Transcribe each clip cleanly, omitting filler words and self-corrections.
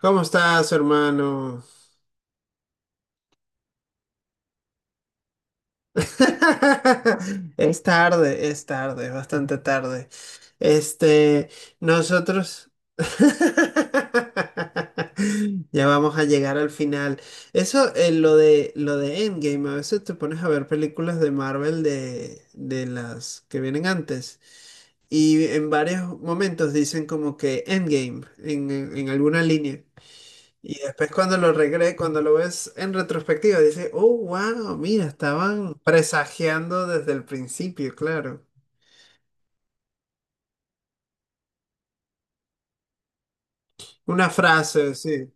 ¿Cómo estás, hermano? Es tarde, bastante tarde. Este, Nosotros ya vamos a llegar al final. Eso, lo de Endgame, a veces te pones a ver películas de Marvel de las que vienen antes. Y en varios momentos dicen como que Endgame en alguna línea. Y después cuando cuando lo ves en retrospectiva, dices, oh, wow, mira, estaban presagiando desde el principio, claro. Una frase, sí,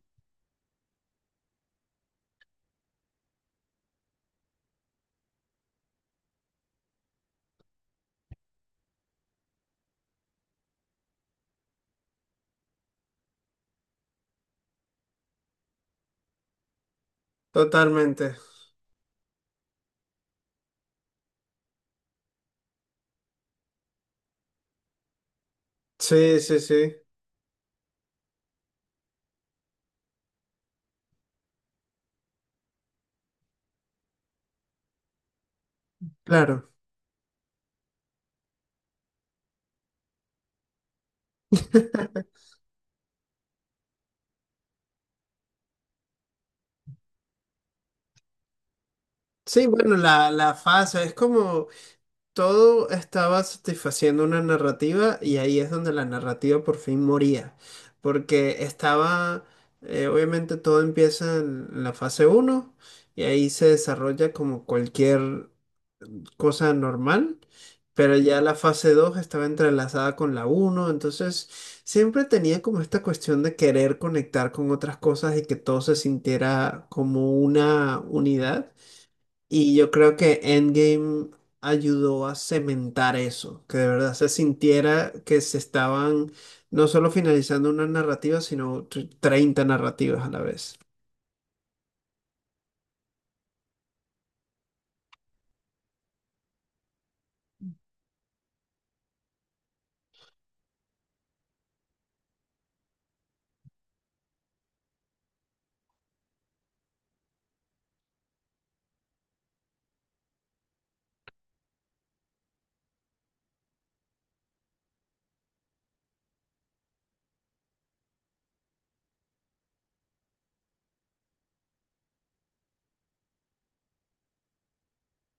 totalmente. Sí, sí, sí, claro. Sí, bueno, la fase es como todo estaba satisfaciendo una narrativa y ahí es donde la narrativa por fin moría, porque estaba, obviamente todo empieza en la fase uno y ahí se desarrolla como cualquier cosa normal, pero ya la fase 2 estaba entrelazada con la uno, entonces siempre tenía como esta cuestión de querer conectar con otras cosas y que todo se sintiera como una unidad. Y yo creo que Endgame ayudó a cementar eso, que de verdad se sintiera que se estaban no solo finalizando una narrativa, sino 30 narrativas a la vez.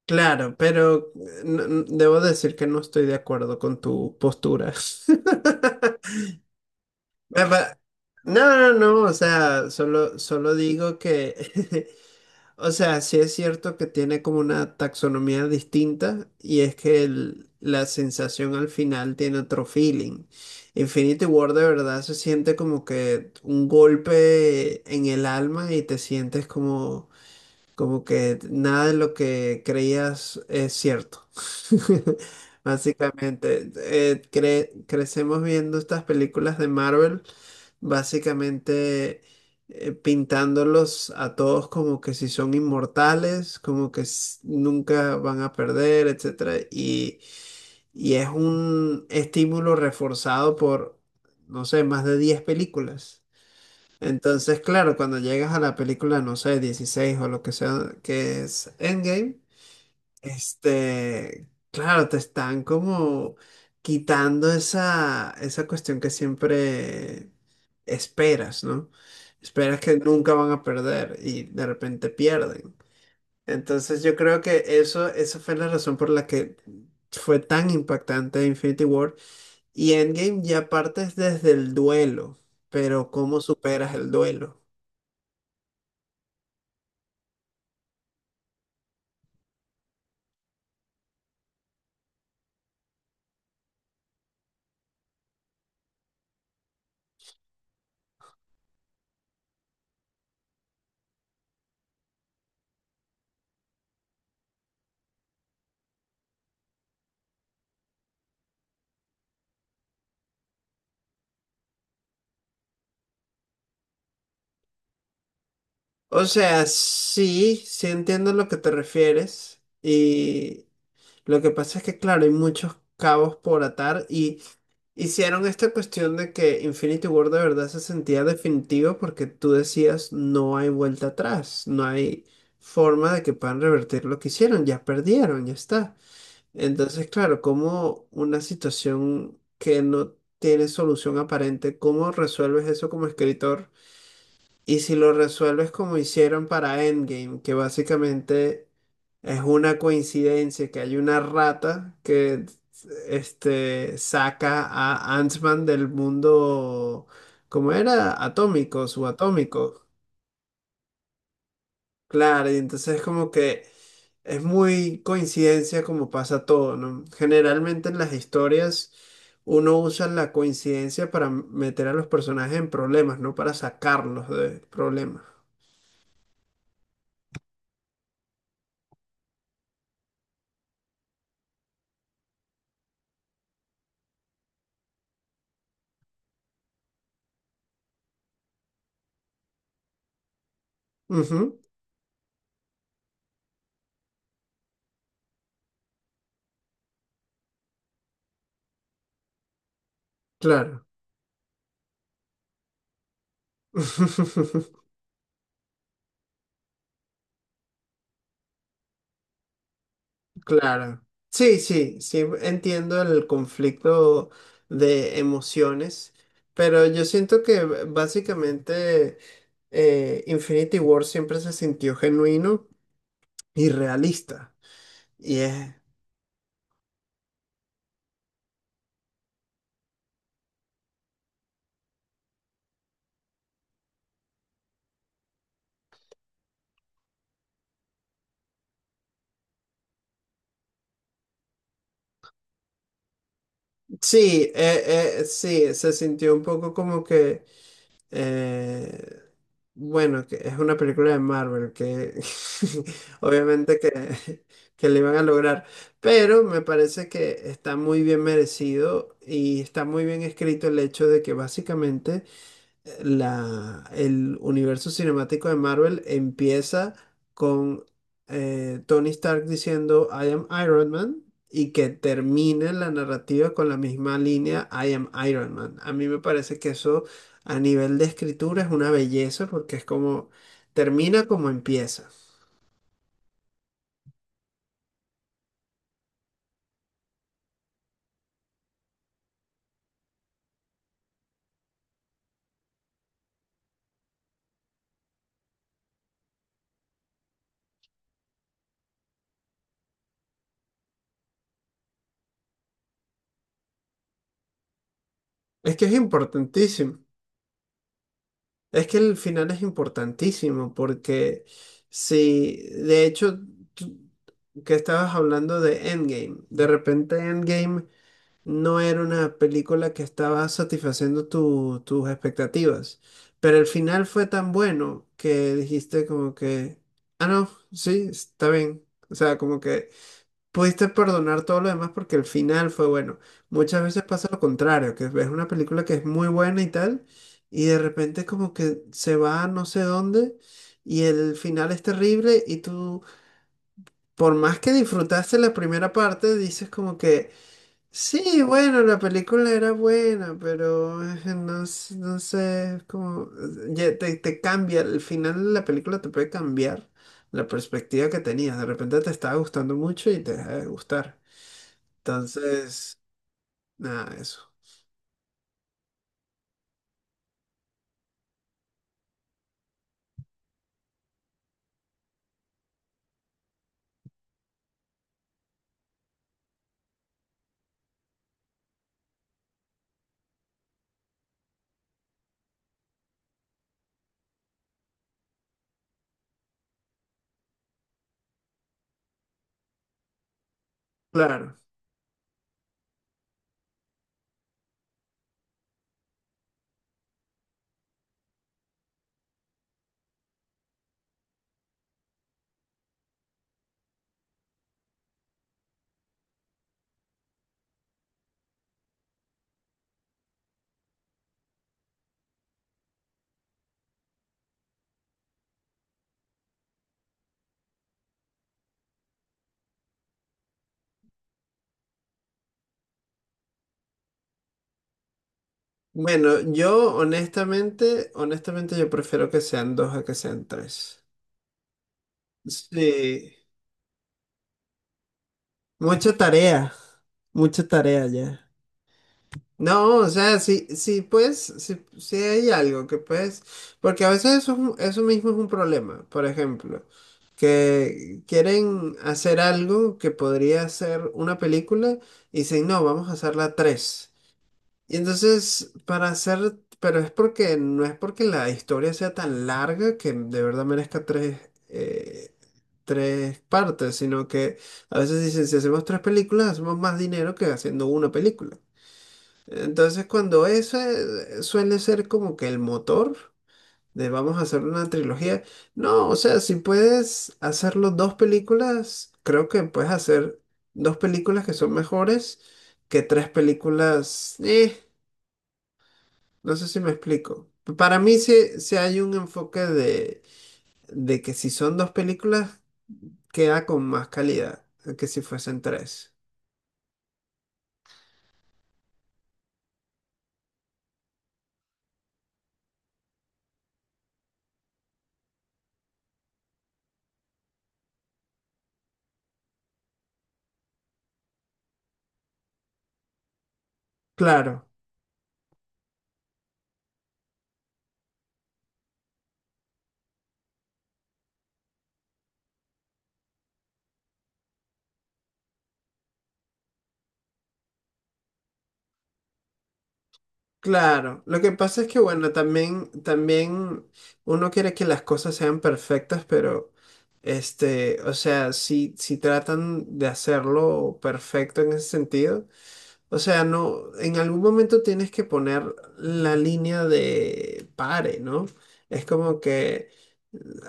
Claro, pero debo decir que no estoy de acuerdo con tu postura. Ah, va- No, no, no, no, o sea, solo digo que, o sea, sí es cierto que tiene como una taxonomía distinta y es que la sensación al final tiene otro feeling. Infinity War de verdad se siente como que un golpe en el alma y te sientes como que nada de lo que creías es cierto. Básicamente, crecemos viendo estas películas de Marvel básicamente pintándolos a todos como que si son inmortales, como que nunca van a perder, etcétera. Y es un estímulo reforzado por, no sé, más de 10 películas. Entonces, claro, cuando llegas a la película, no sé, 16 o lo que sea, que es Endgame, claro, te están como quitando esa cuestión que siempre esperas, ¿no? Esperas que nunca van a perder y de repente pierden. Entonces yo creo que eso, esa fue la razón por la que fue tan impactante Infinity War. Y Endgame ya partes desde el duelo, pero ¿cómo superas el duelo? O sea, sí, sí entiendo a lo que te refieres, y lo que pasa es que, claro, hay muchos cabos por atar y hicieron esta cuestión de que Infinity War de verdad se sentía definitivo porque tú decías no hay vuelta atrás, no hay forma de que puedan revertir lo que hicieron, ya perdieron, ya está. Entonces, claro, como una situación que no tiene solución aparente, ¿cómo resuelves eso como escritor? Y si lo resuelves como hicieron para Endgame, que básicamente es una coincidencia que hay una rata que saca a Ant-Man del mundo, como era? Atómico, subatómico. Claro, y entonces es como que es muy coincidencia como pasa todo, ¿no? Generalmente en las historias uno usa la coincidencia para meter a los personajes en problemas, no para sacarlos de problemas. Ujú. Claro, claro. Sí, sí, sí, entiendo el conflicto de emociones, pero yo siento que básicamente Infinity War siempre se sintió genuino y realista. Y es- sí, sí, se sintió un poco como que Eh, bueno, que es una película de Marvel que obviamente que le van a lograr, pero me parece que está muy bien merecido y está muy bien escrito el hecho de que básicamente la, el universo cinemático de Marvel empieza con Tony Stark diciendo I am Iron Man y que termine la narrativa con la misma línea I am Iron Man. A mí me parece que eso a nivel de escritura es una belleza porque es como termina como empieza. Es que es importantísimo. Es que el final es importantísimo porque si, de hecho, tú- que estabas hablando de Endgame, de repente Endgame no era una película que estaba satisfaciendo tus expectativas, pero el final fue tan bueno que dijiste como que, ah, no, sí, está bien. O sea, como que pudiste perdonar todo lo demás porque el final fue bueno. Muchas veces pasa lo contrario, que ves una película que es muy buena y tal, y de repente como que se va a no sé dónde y el final es terrible y tú, por más que disfrutaste la primera parte, dices como que, sí, bueno, la película era buena, pero no, no sé, es como, ya te cambia, el final de la película te puede cambiar la perspectiva que tenías. De repente te estaba gustando mucho y te deja de gustar. Entonces, nada, eso. Claro. Bueno, yo honestamente yo prefiero que sean dos a que sean tres. Sí. Mucha tarea, mucha tarea ya. No, o sea, sí, sí, pues, sí, sí hay algo que puedes, porque a veces eso, es eso mismo es un problema, por ejemplo, que quieren hacer algo que podría ser una película y dicen, no, vamos a hacerla tres. Y entonces, para hacer, pero es porque no es porque la historia sea tan larga que de verdad merezca tres, eh, tres partes, sino que a veces dicen, si hacemos tres películas, hacemos más dinero que haciendo una película. Entonces, cuando eso suele ser como que el motor de vamos a hacer una trilogía, no, o sea, si puedes hacerlo dos películas, creo que puedes hacer dos películas que son mejores que tres películas. No sé si me explico. Para mí sí, sí hay un enfoque de, que si son dos películas, queda con más calidad que si fuesen tres. Claro, claro. Lo que pasa es que, bueno, también uno quiere que las cosas sean perfectas, pero, o sea, si tratan de hacerlo perfecto en ese sentido. O sea, no, en algún momento tienes que poner la línea de pare, ¿no? Es como que,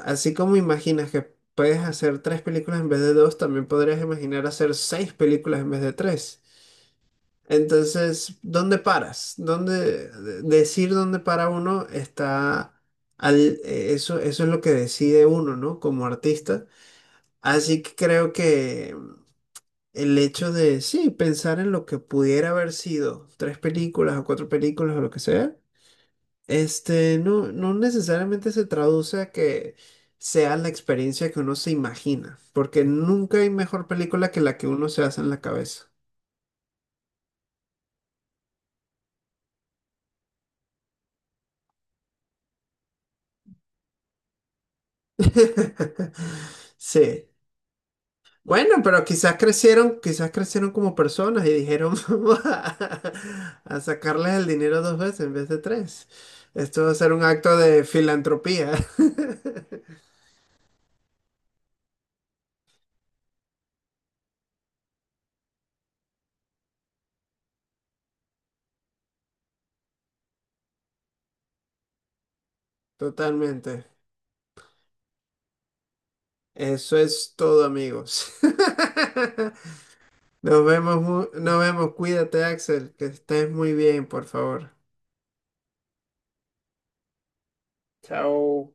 así como imaginas que puedes hacer tres películas en vez de dos, también podrías imaginar hacer seis películas en vez de tres. Entonces, ¿dónde paras? ¿Dónde decir dónde para uno está al, eso es lo que decide uno, ¿no? Como artista. Así que creo que el hecho de, sí, pensar en lo que pudiera haber sido, tres películas o cuatro películas o lo que sea, no, no necesariamente se traduce a que sea la experiencia que uno se imagina, porque nunca hay mejor película que la que uno se hace en la cabeza. Sí. Bueno, pero quizás crecieron como personas y dijeron, vamos a sacarles el dinero dos veces en vez de tres. Esto va a ser un acto de filantropía. Totalmente. Eso es todo, amigos. Nos vemos, nos vemos. Cuídate, Axel, que estés muy bien, por favor. Chao.